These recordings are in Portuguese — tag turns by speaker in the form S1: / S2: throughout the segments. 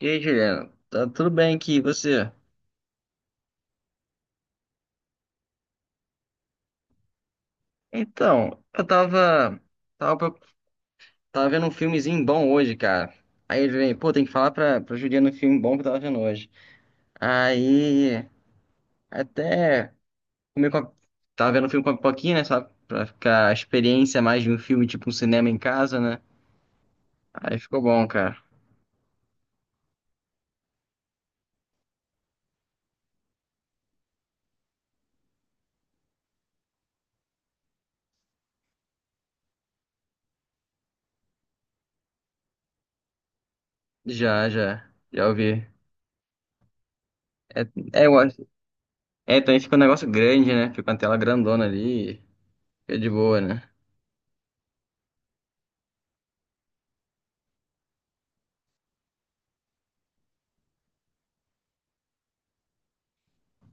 S1: E aí, Juliana, tá tudo bem aqui, e você? Então, eu tava, tava, pro- tava vendo um filmezinho bom hoje, cara. Aí ele vem, pô, tem que falar pra Juliana um filme bom que eu tava vendo hoje. Aí, até comi com a- tava vendo um filme com a pipoquinha, né, sabe? Pra ficar a experiência mais de um filme, tipo um cinema em casa, né? Aí ficou bom, cara. Já ouvi. É, é, eu acho- É, também fica um negócio grande, né? Fica uma tela grandona ali, fica de boa, né?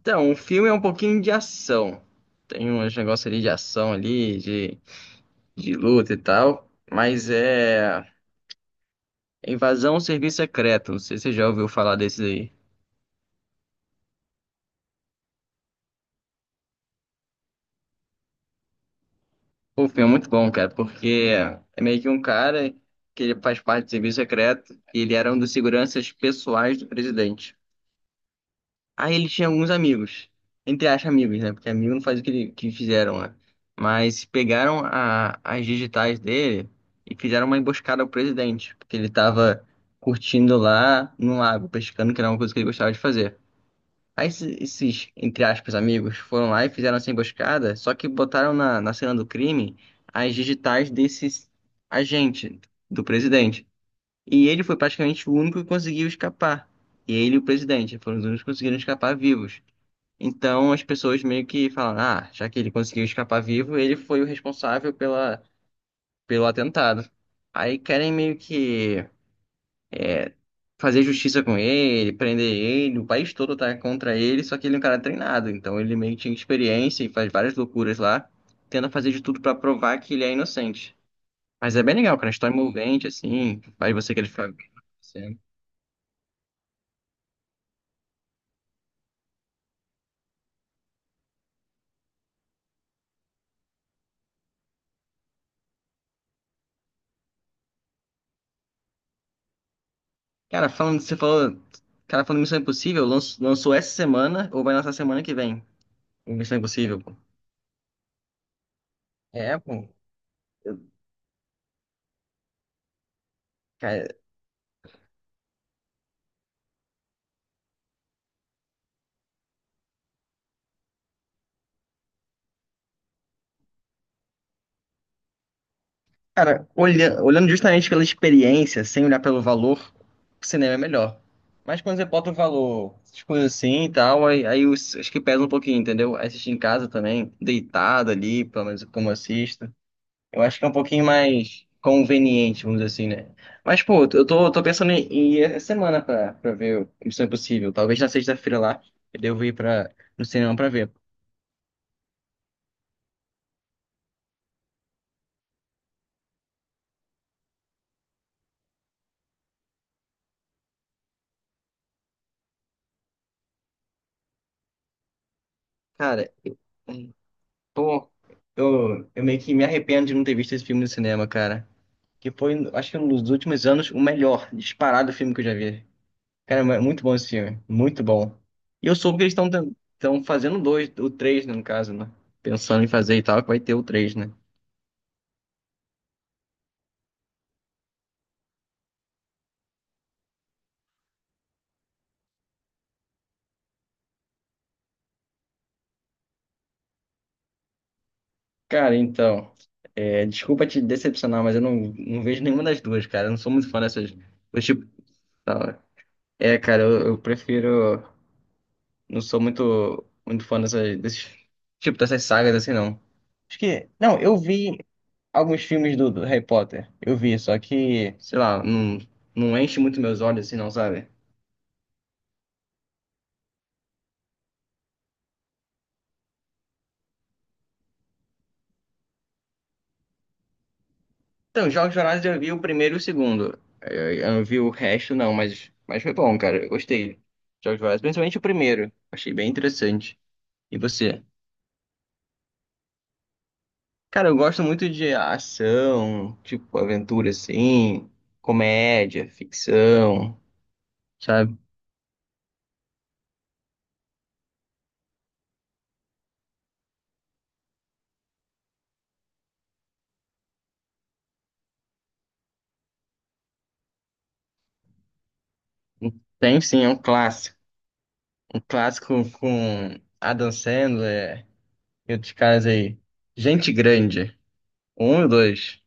S1: Então, o filme é um pouquinho de ação. Tem uns negócios ali de ação ali, de luta e tal. Mas é Invasão ao Serviço Secreto. Não sei se você já ouviu falar desse aí. O filme é muito bom, cara, porque é meio que um cara que ele faz parte do serviço secreto e ele era um dos seguranças pessoais do presidente. Aí ele tinha alguns amigos, entre aspas, amigos, né? Porque amigo não faz o que, ele, que fizeram lá. Mas as digitais dele e fizeram uma emboscada ao presidente, porque ele tava curtindo lá no lago, pescando, que era uma coisa que ele gostava de fazer. Aí esses, entre aspas, amigos foram lá e fizeram essa emboscada, só que botaram na cena do crime as digitais desses agente do presidente. E ele foi praticamente o único que conseguiu escapar. E ele e o presidente foram os únicos que conseguiram escapar vivos. Então as pessoas meio que falam, ah, já que ele conseguiu escapar vivo, ele foi o responsável pelo atentado. Aí querem meio que fazer justiça com ele, prender ele, o país todo tá contra ele, só que ele é um cara treinado, então ele meio que tinha experiência e faz várias loucuras lá, tenta fazer de tudo pra provar que ele é inocente. Mas é bem legal, cara, a história é envolvente, assim, faz você querer ficar vendo o que tá acontecendo. Cara, falando, você falou, cara, falando Missão Impossível, lançou essa semana ou vai lançar semana que vem? O Missão Impossível. É, pô, cara, olhando justamente pela experiência, sem olhar pelo valor, o cinema é melhor. Mas quando você bota o valor, essas coisas assim e tal, aí acho que pesa um pouquinho, entendeu? Aí assistir em casa também, deitado ali, pelo menos como eu assisto. Eu acho que é um pouquinho mais conveniente, vamos dizer assim, né? Mas, pô, eu tô pensando em ir essa semana pra ver o Missão Impossível. Talvez na sexta-feira lá, eu devo ir no cinema pra ver. Cara. Pô, eu meio que me arrependo de não ter visto esse filme no cinema, cara. Que foi, acho que nos últimos anos, o melhor disparado filme que eu já vi. Cara, é muito bom esse filme, muito bom. E eu soube que eles estão fazendo dois, o três, né, no caso, né? Pensando em fazer e tal, que vai ter o três, né? Cara, então, é, desculpa te decepcionar, mas eu não, não vejo nenhuma das duas, cara. Eu não sou muito fã dessas. Eu, tipo, tá, é, cara, eu prefiro. Não sou muito, muito fã tipo, dessas sagas assim, não. Acho que. Não, eu vi alguns filmes do Harry Potter. Eu vi, só que, sei lá, não enche muito meus olhos assim, não, sabe? Então, Jogos Vorazes eu vi o primeiro e o segundo. Eu não vi o resto, não, mas foi bom, cara. Eu gostei. Jogos Vorazes, principalmente o primeiro. Achei bem interessante. E você? Cara, eu gosto muito de ação, tipo, aventura assim, comédia, ficção. Sabe? Tem sim, é um clássico. Um clássico com Adam Sandler e outros caras aí. Gente Grande. Um e dois.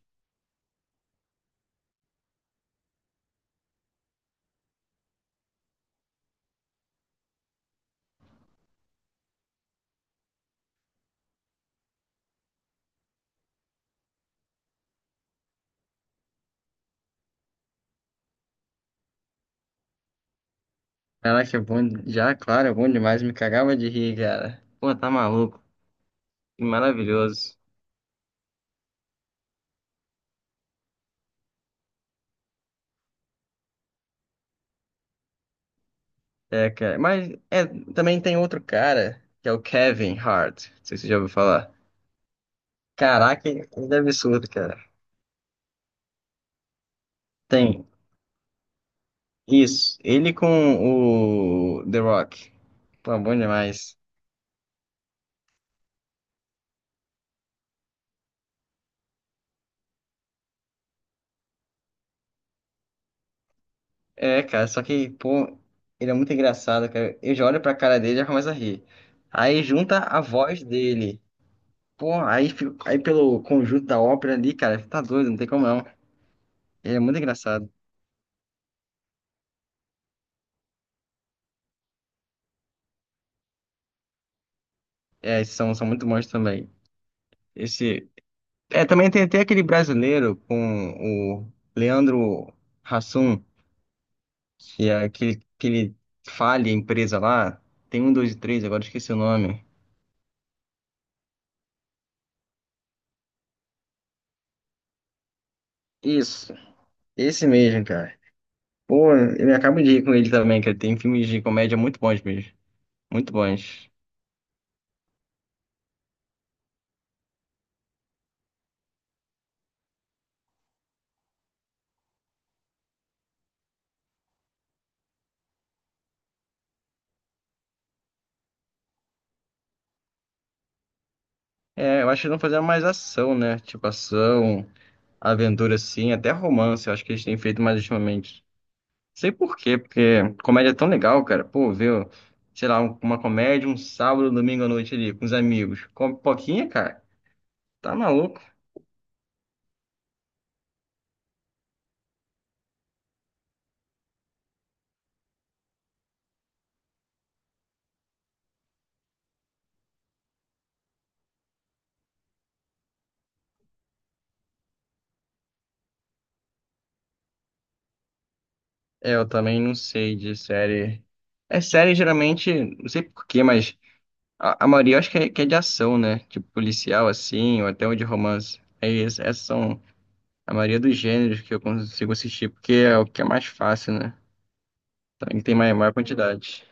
S1: Caraca, é bom. Já, claro, é bom demais. Me cagava de rir, cara. Pô, tá maluco. Que maravilhoso. É, cara. Mas é, também tem outro cara, que é o Kevin Hart. Não sei se você já ouviu falar. Caraca, ele é absurdo, cara. Tem. Isso. Ele com o The Rock. Pô, bom demais. É, cara, só que, pô, ele é muito engraçado, cara. Eu já olho pra cara dele e já começo a rir. Aí junta a voz dele. Pô, aí, aí pelo conjunto da ópera ali, cara, tá doido, não tem como não. Ele é muito engraçado. É, esses são, são muito bons também. Esse. É, também tem até aquele brasileiro com o Leandro Hassum, que é aquele falha empresa lá. Tem um, dois e três, agora eu esqueci o nome. Isso, esse mesmo, cara. Pô, eu me acabo de rir com ele também, que tem filmes de comédia muito bons mesmo. Muito bons. É, eu acho que eles não fazendo mais ação, né? Tipo ação, aventura assim, até romance, eu acho que eles têm feito mais ultimamente. Sei por quê, porque comédia é tão legal, cara. Pô, viu? Sei lá, uma comédia, um sábado, um domingo à noite ali, com os amigos. Com pipoquinha, cara, tá maluco? É, eu também não sei de série. É série geralmente, não sei por quê, mas. A maioria eu acho que que é de ação, né? Tipo policial, assim, ou até um de romance. Aí essas são a maioria dos gêneros que eu consigo assistir, porque é o que é mais fácil, né? Então, tem maior quantidade.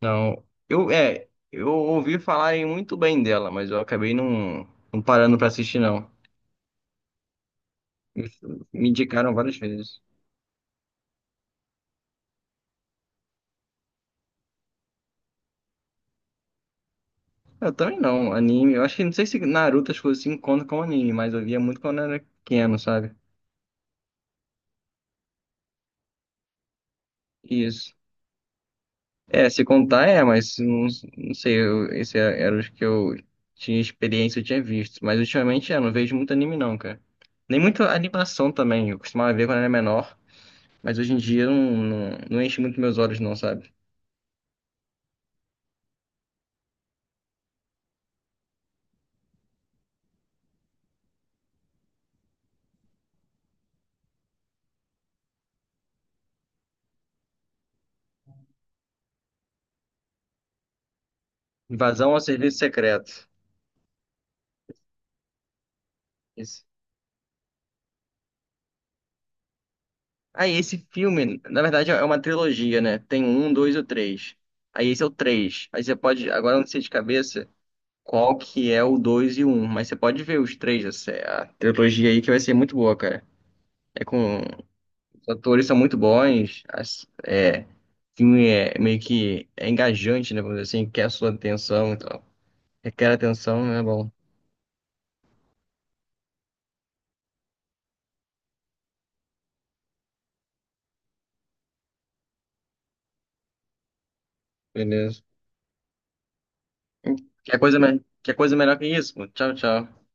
S1: Não, eu ouvi falarem muito bem dela, mas eu acabei não parando pra assistir, não. Me Me indicaram várias vezes. Eu também não, anime. Eu acho que não sei se Naruto as coisas se encontram com anime, mas eu via muito quando eu era pequeno, sabe? Isso. É, se contar é, mas não, não sei, eu, era os que eu tinha experiência, eu tinha visto. Mas ultimamente, é, não vejo muito anime não, cara. Nem muita animação também, eu costumava ver quando era menor, mas hoje em dia não, não enche muito meus olhos não, sabe? Invasão ao Serviço Secreto. Esse. Ah, e esse filme, na verdade é uma trilogia, né? Tem um, dois ou três. Aí esse é o três. Aí você pode, agora eu não sei de cabeça qual que é o dois e o um, mas você pode ver os três, é a trilogia aí que vai ser muito boa, cara. É com... Os atores são muito bons. As... É... O filme é meio que engajante, né? Vamos dizer assim, quer a sua atenção e tal. Requer atenção, é bom. Beleza. Quer coisa melhor que isso? Tchau, tchau.